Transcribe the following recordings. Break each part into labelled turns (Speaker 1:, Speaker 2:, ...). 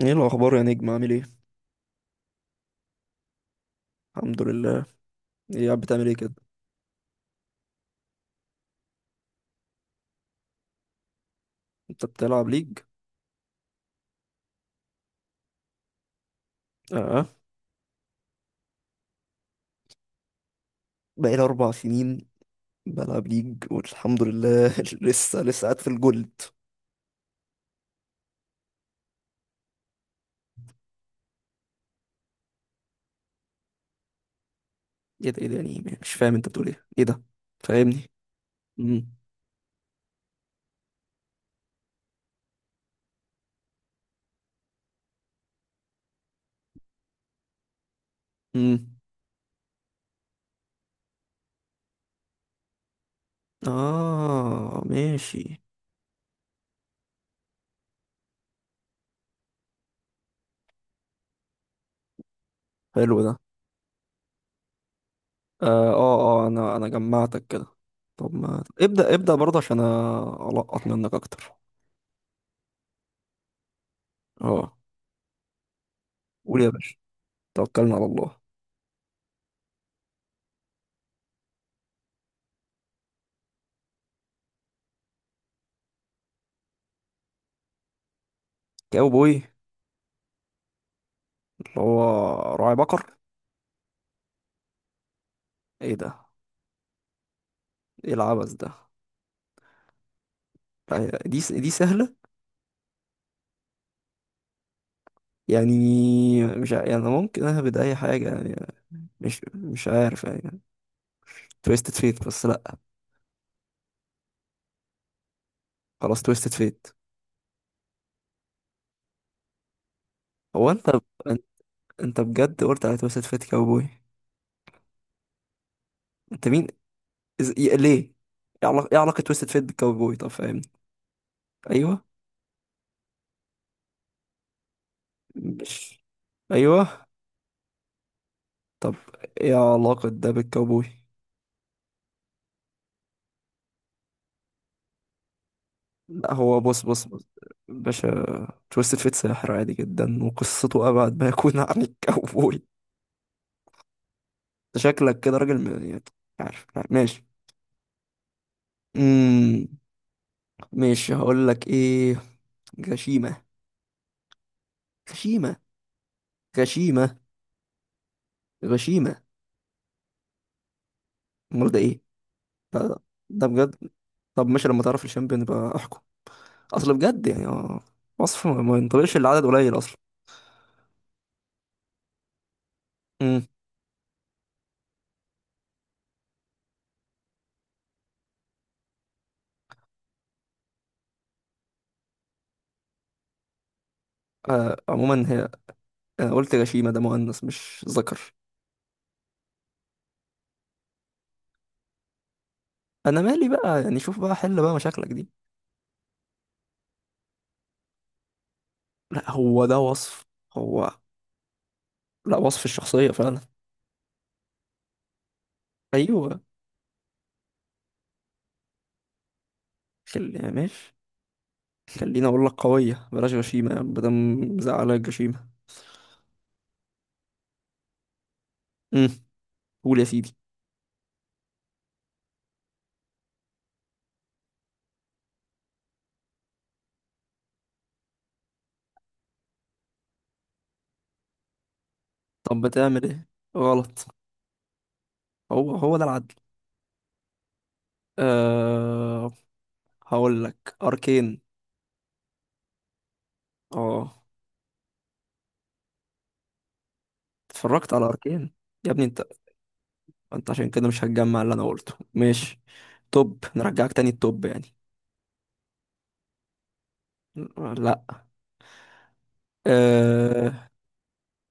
Speaker 1: ايه الاخبار يا نجم؟ عامل ايه؟ الحمد لله. ايه؟ قاعد بتعمل ايه كده؟ انت بتلعب ليج؟ اه، بقالي 4 سنين بلعب ليج والحمد لله. لسه لسه قاعد في الجولد. ايه ده؟ ايه ده؟ يعني مش فاهم انت بتقول ايه. ايه ده؟ فاهمني؟ امم. امم. اه، ماشي. حلو ده. اه، اه، انا جمعتك كده. طب ما ابدا ابدا برضه عشان القط منك اكتر. اه، قول يا باشا. توكلنا على الله. كاوبوي. اللي هو راعي بقر. ايه ده؟ ايه العبث ده؟ لا، دي سهلة. يعني مش يعني ممكن اهبد اي حاجة يعني. مش عارف يعني. تويستد فيت، بس لا. خلاص تويستد فيت. هو انت انت أنت بجد قلت على تويستد فيت كاوبوي؟ انت مين؟ ليه؟ ايه علاقة تويستد فيت بالكاوبوي؟ طب فاهمني. ايوه. مش. ايوه، طب. ايه علاقة ده بالكاوبوي؟ لا، هو بص بص بص، باشا. تويستد فيت ساحر عادي جدا وقصته ابعد ما يكون عن الكاوبوي. انت شكلك كده راجل يعني. عارف. ماشي. امم ماشي، هقول لك ايه. غشيمة، غشيمة، غشيمة، غشيمة. امال ده ايه؟ لا، لا، ده بجد. طب ماشي، لما تعرف الشامبيون يبقى احكم. اصل بجد يعني، اه. وصف ما ينطبقش. العدد قليل اصلا. امم. عموما هي. انا قلت غشيمة. ده مؤنث مش ذكر. انا مالي بقى يعني، شوف بقى حل بقى مشاكلك دي. لا، هو ده وصف. هو. لا، وصف الشخصية فعلا. ايوه. خل يعني، ماشي. خليني اقول لك قويه، بلاش غشيمه يعني بدل. مزعلك الجشيمه؟ امم. قول يا سيدي. طب بتعمل ايه؟ غلط. هو هو ده العدل. أه هقول لك اركين. اه. اتفرجت على اركين؟ يا ابني انت. انت عشان كده مش هتجمع اللي انا قلته. ماشي. توب، نرجعك تاني التوب يعني. لا. أه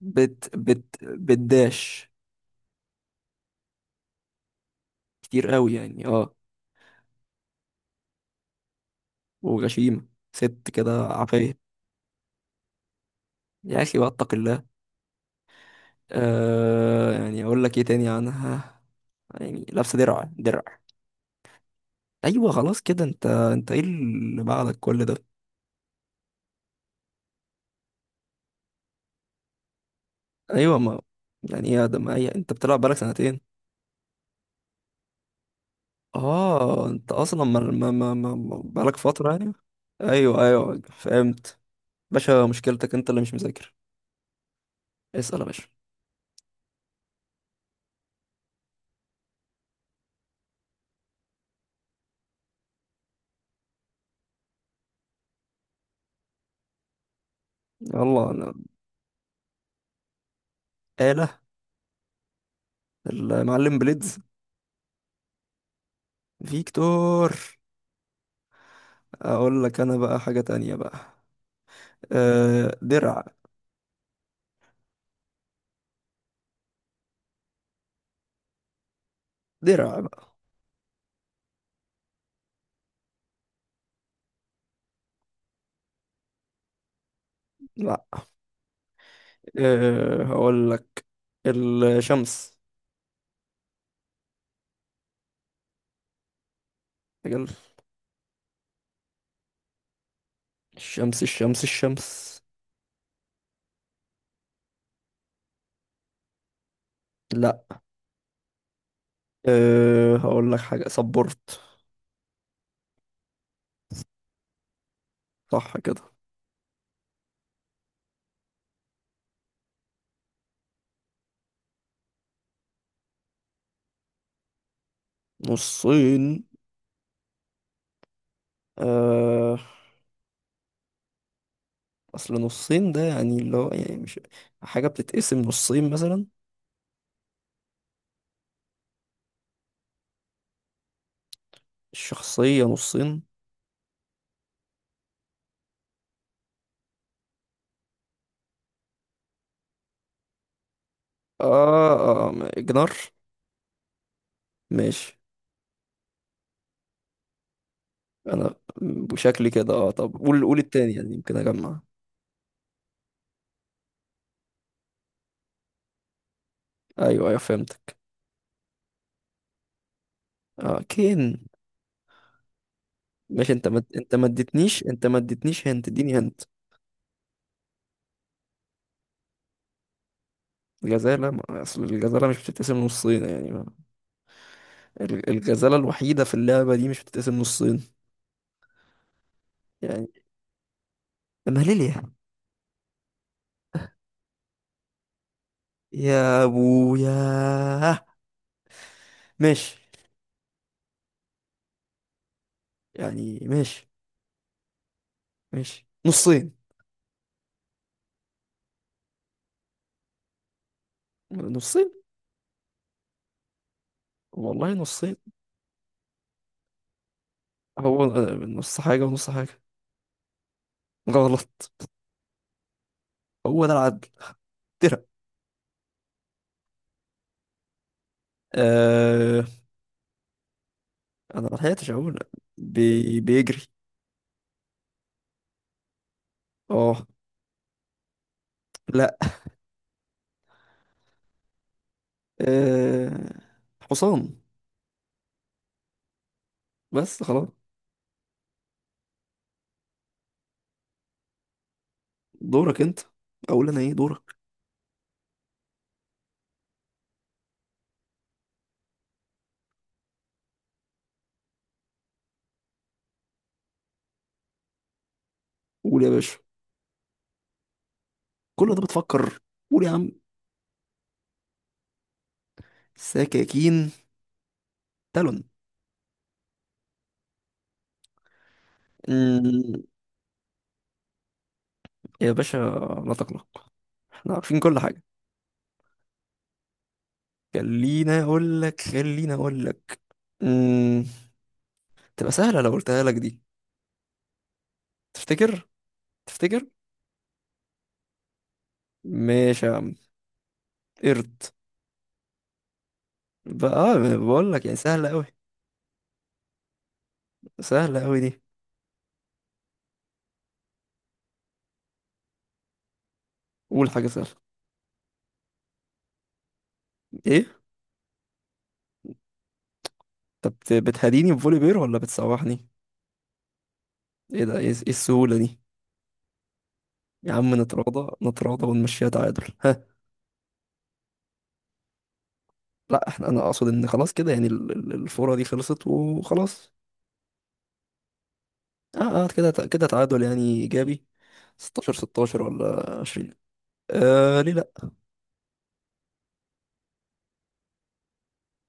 Speaker 1: بت بت بتداش. كتير قوي يعني، اه. وغشيمه. ست كده عافيه. يا اخي بقى، اتق الله. يعني اقول لك ايه تاني عنها؟ يعني لابسه درع درع. ايوه، خلاص كده. انت ايه اللي بعدك كل ده؟ ايوه ما. يعني ايه يا ده؟ ما هي انت بتلعب بقالك سنتين. اه، انت اصلا ما بقالك فتره يعني. ايوه، ايوه، فهمت. باشا، مشكلتك انت اللي مش مذاكر. اسال يا باشا. يلا انا. آلة. المعلم بليدز. فيكتور. اقول لك انا بقى حاجه تانية بقى. درع. درع بقى. لا. هقول لك الشمس. الشمس، الشمس، الشمس. لا. هقول لك حاجة. صبرت. صح كده. نصين. أه أصل نصين ده يعني اللي هو يعني مش حاجة بتتقسم نصين مثلا. الشخصية نصين. آه, آه جنار. ماشي. أنا بشكلي كده، طب قول التاني يعني يمكن أجمع. أيوه، أيوه، فهمتك. كين. ماشي، أنت ما اديتنيش هنت اديني هنت. الجزالة أصل الجزالة مش بتتقسم نصين يعني. الغزالة الوحيدة في اللعبة دي مش بتتقسم نصين. يعني ماليليا. يا ابويا. ماشي. يعني ماشي. ماشي، نصين. نصين. والله، نصين. هو نص حاجة ونص حاجة. غلط. هو ده العدل. ترى. آه انا ما لحقتش اقول. بيجري. اه. لا. آه حصان. بس خلاص. دورك انت. اقول انا ايه؟ دورك. قول يا باشا. كل ده بتفكر؟ قول يا عم. سكاكين. تالون. أمم، يا باشا، لا تقلق. احنا عارفين كل حاجة. خليني اقول لك، خليني اقول لك. أمم، تبقى سهلة لو قلتها لك دي. تفتكر؟ تفتكر؟ ماشي يا عم. قرد. بقى، بقول لك يعني سهلة قوي. سهلة قوي دي. قول حاجة سهلة. ايه؟ طب بتهديني بفولي بير ولا بتسوحني؟ ايه ده؟ ايه السهولة دي؟ يا عم، نتراضى نتراضى ونمشيها تعادل، ها؟ لا، انا اقصد ان خلاص كده يعني الفورة دي خلصت وخلاص. اه، اه، كده كده، تعادل يعني ايجابي. 16-16 ولا 20؟ ليه لا.